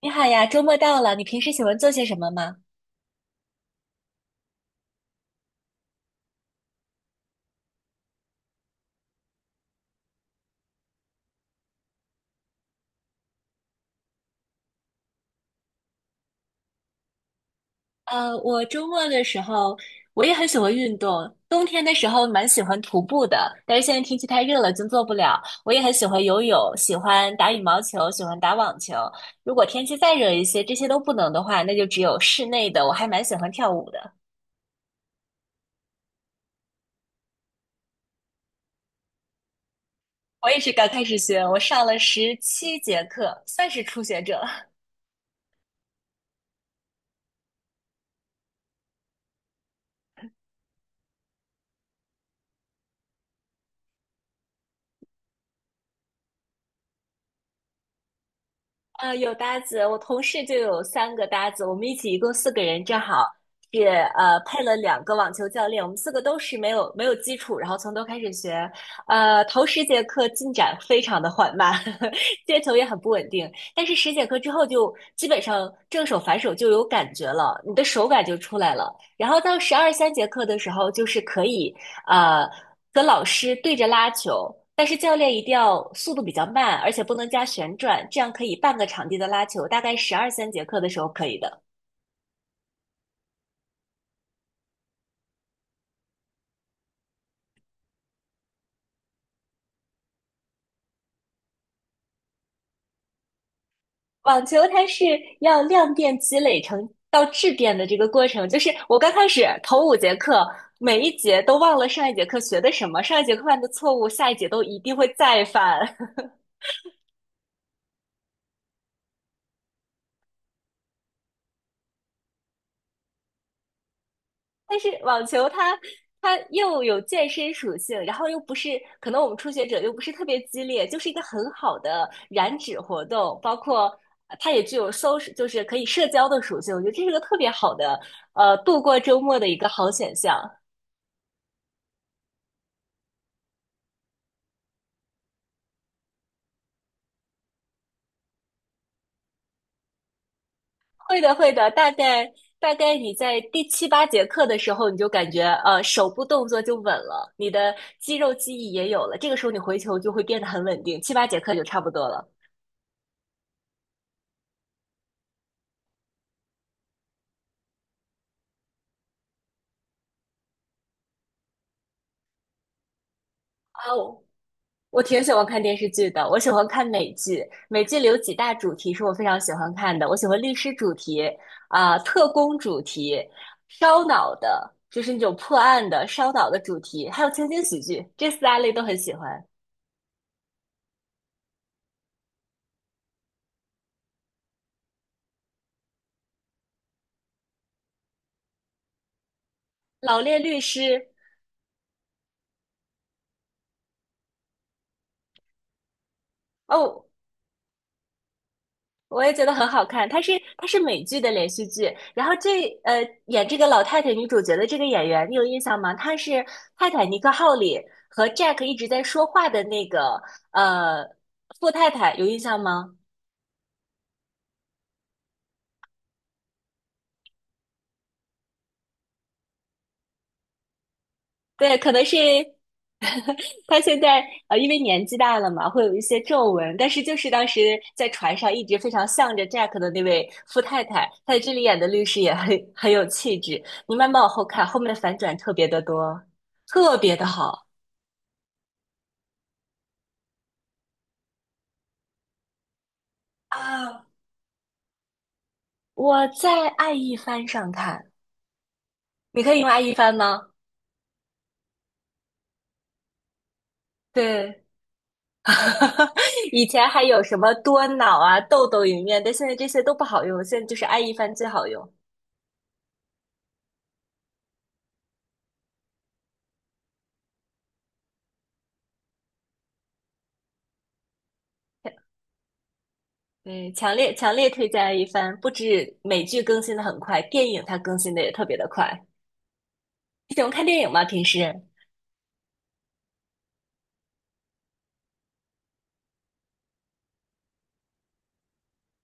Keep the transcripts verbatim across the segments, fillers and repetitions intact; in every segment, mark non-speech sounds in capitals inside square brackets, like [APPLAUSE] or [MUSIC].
你好呀，周末到了，你平时喜欢做些什么吗？呃，我周末的时候，我也很喜欢运动。冬天的时候蛮喜欢徒步的，但是现在天气太热了，就做不了。我也很喜欢游泳，喜欢打羽毛球，喜欢打网球。如果天气再热一些，这些都不能的话，那就只有室内的。我还蛮喜欢跳舞的，我也是刚开始学，我上了十七节课，算是初学者。呃，有搭子，我同事就有三个搭子，我们一起一共四个人，正好是呃配了两个网球教练，我们四个都是没有没有基础，然后从头开始学。呃，头十节课进展非常的缓慢，[LAUGHS] 接球也很不稳定，但是十节课之后就基本上正手反手就有感觉了，你的手感就出来了，然后到十二三节课的时候，就是可以呃和老师对着拉球，但是教练一定要速度比较慢，而且不能加旋转，这样可以半个场地的拉球，大概十二三节课的时候可以的。网球它是要量变积累成到质变的这个过程，就是我刚开始头五节课，每一节都忘了上一节课学的什么，上一节课犯的错误，下一节都一定会再犯。但是网球它它又有健身属性，然后又不是可能我们初学者又不是特别激烈，就是一个很好的燃脂活动。包括呃它也具有 social，就是可以社交的属性。我觉得这是个特别好的呃度过周末的一个好选项。会的，会的，大概大概你在第七八节课的时候，你就感觉呃手部动作就稳了，你的肌肉记忆也有了，这个时候你回球就会变得很稳定，七八节课就差不多了。啊，我挺喜欢看电视剧的，我喜欢看美剧。美剧里有几大主题是我非常喜欢看的，我喜欢律师主题、啊、特工主题、烧脑的，就是那种破案的烧脑的主题，还有情景喜剧，这四大类都很喜欢。老练律师。哦，我也觉得很好看，它是它是美剧的连续剧，然后这呃演这个老太太女主角的这个演员，你有印象吗？她是《泰坦尼克号》里和 Jack 一直在说话的那个呃富太太，有印象吗？对，可能是。 [LAUGHS] 他现在呃，因为年纪大了嘛，会有一些皱纹，但是就是当时在船上一直非常向着 Jack 的那位富太太，她在这里演的律师也很很有气质。你慢慢往后看，后面的反转特别的多，特别的好啊！我在爱一帆上看，你可以用爱一帆吗？对，[LAUGHS] 以前还有什么多脑啊、豆豆影院，但现在这些都不好用，现在就是爱一帆最好用。对，强烈强烈推荐一番。不止美剧更新的很快，电影它更新的也特别的快。你喜欢看电影吗？平时？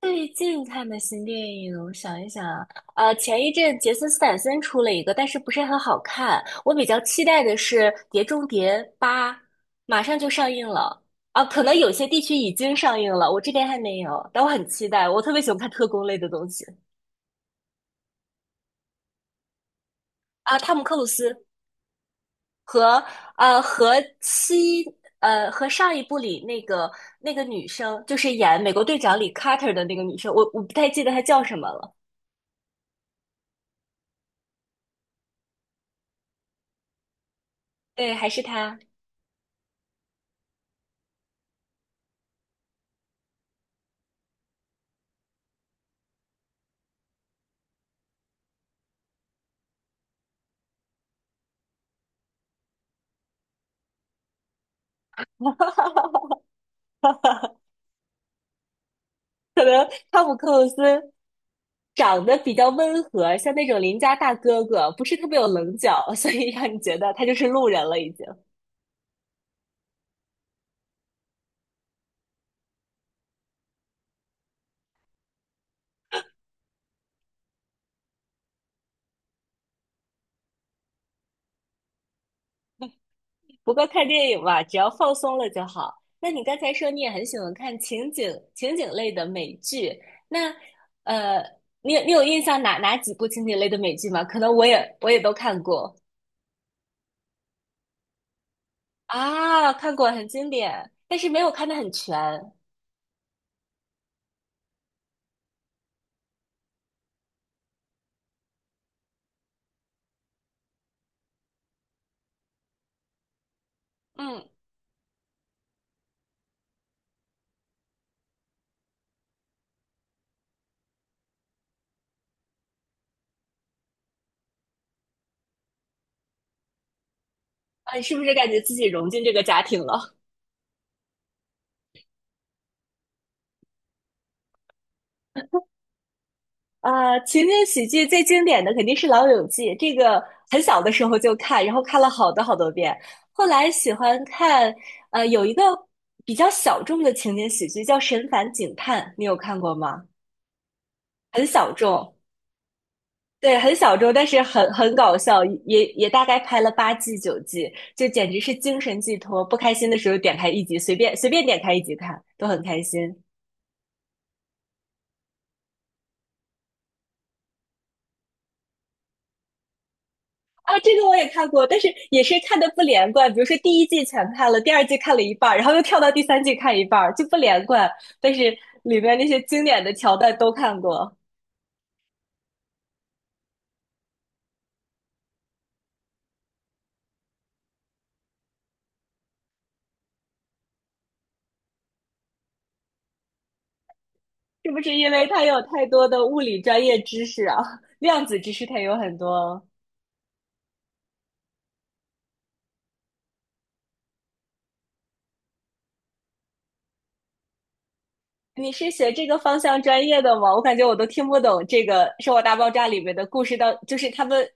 最近看的新电影，我想一想啊，呃，前一阵杰森斯坦森出了一个，但是不是很好看。我比较期待的是《碟中谍八》，马上就上映了啊，可能有些地区已经上映了，我这边还没有，但我很期待。我特别喜欢看特工类的东西。啊，汤姆克鲁斯，和呃和七呃和上一部里那个那个女生，就是演美国队长里 Carter 的那个女生，我我不太记得她叫什么了。对，还是她。[LAUGHS] 可能汤姆克鲁斯长得比较温和，像那种邻家大哥哥，不是特别有棱角，所以让你觉得他就是路人了已经。不过看电影嘛，只要放松了就好。那你刚才说你也很喜欢看情景情景类的美剧，那呃，你你有印象哪哪几部情景类的美剧吗？可能我也我也都看过。啊，看过很经典，但是没有看的很全。嗯。啊，你是不是感觉自己融进这个家庭了？啊，情景喜剧最经典的肯定是《老友记》，这个很小的时候就看，然后看了好多好多遍。后来喜欢看呃，有一个比较小众的情景喜剧叫《神烦警探》，你有看过吗？很小众。对，很小众，但是很很搞笑，也也大概拍了八季九季，就简直是精神寄托。不开心的时候点开一集，随便随便点开一集看，都很开心。啊，这个我也看过，但是也是看的不连贯。比如说第一季全看了，第二季看了一半儿，然后又跳到第三季看一半儿，就不连贯。但是里面那些经典的桥段都看过。是不是因为它有太多的物理专业知识啊？量子知识它有很多。你是学这个方向专业的吗？我感觉我都听不懂这个《生活大爆炸》里面的故事到，就是他们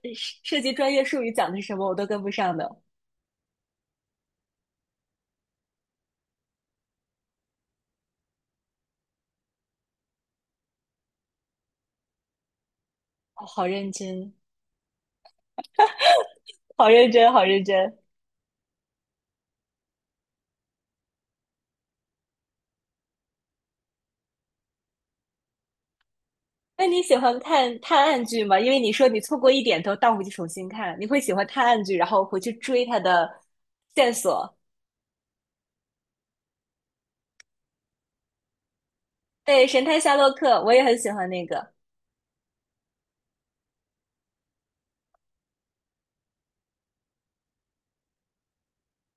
涉及专业术语讲的是什么，我都跟不上的。哦，好认真，好认真，好认真。那你喜欢看探案剧吗？因为你说你错过一点都倒回去重新看，你会喜欢探案剧，然后回去追它的线索。对，《神探夏洛克》我也很喜欢那个，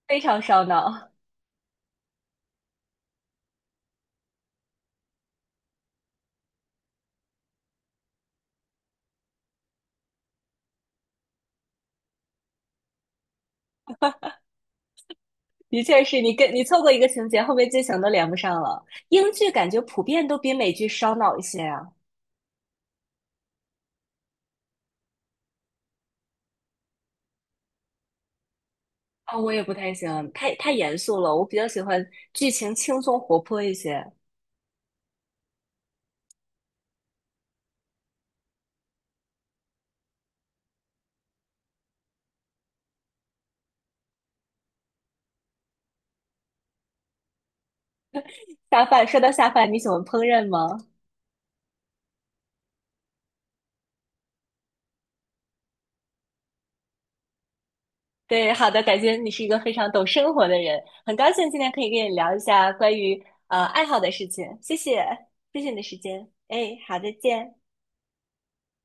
非常烧脑。的确是你跟你错过一个情节，后面剧情都连不上了。英剧感觉普遍都比美剧烧脑一些啊。啊、我也不太喜欢，太太严肃了。我比较喜欢剧情轻松活泼一些。下饭，说到下饭，你喜欢烹饪吗？对，好的，感觉你是一个非常懂生活的人，很高兴今天可以跟你聊一下关于呃爱好的事情。谢谢，谢谢你的时间。哎，好，再见。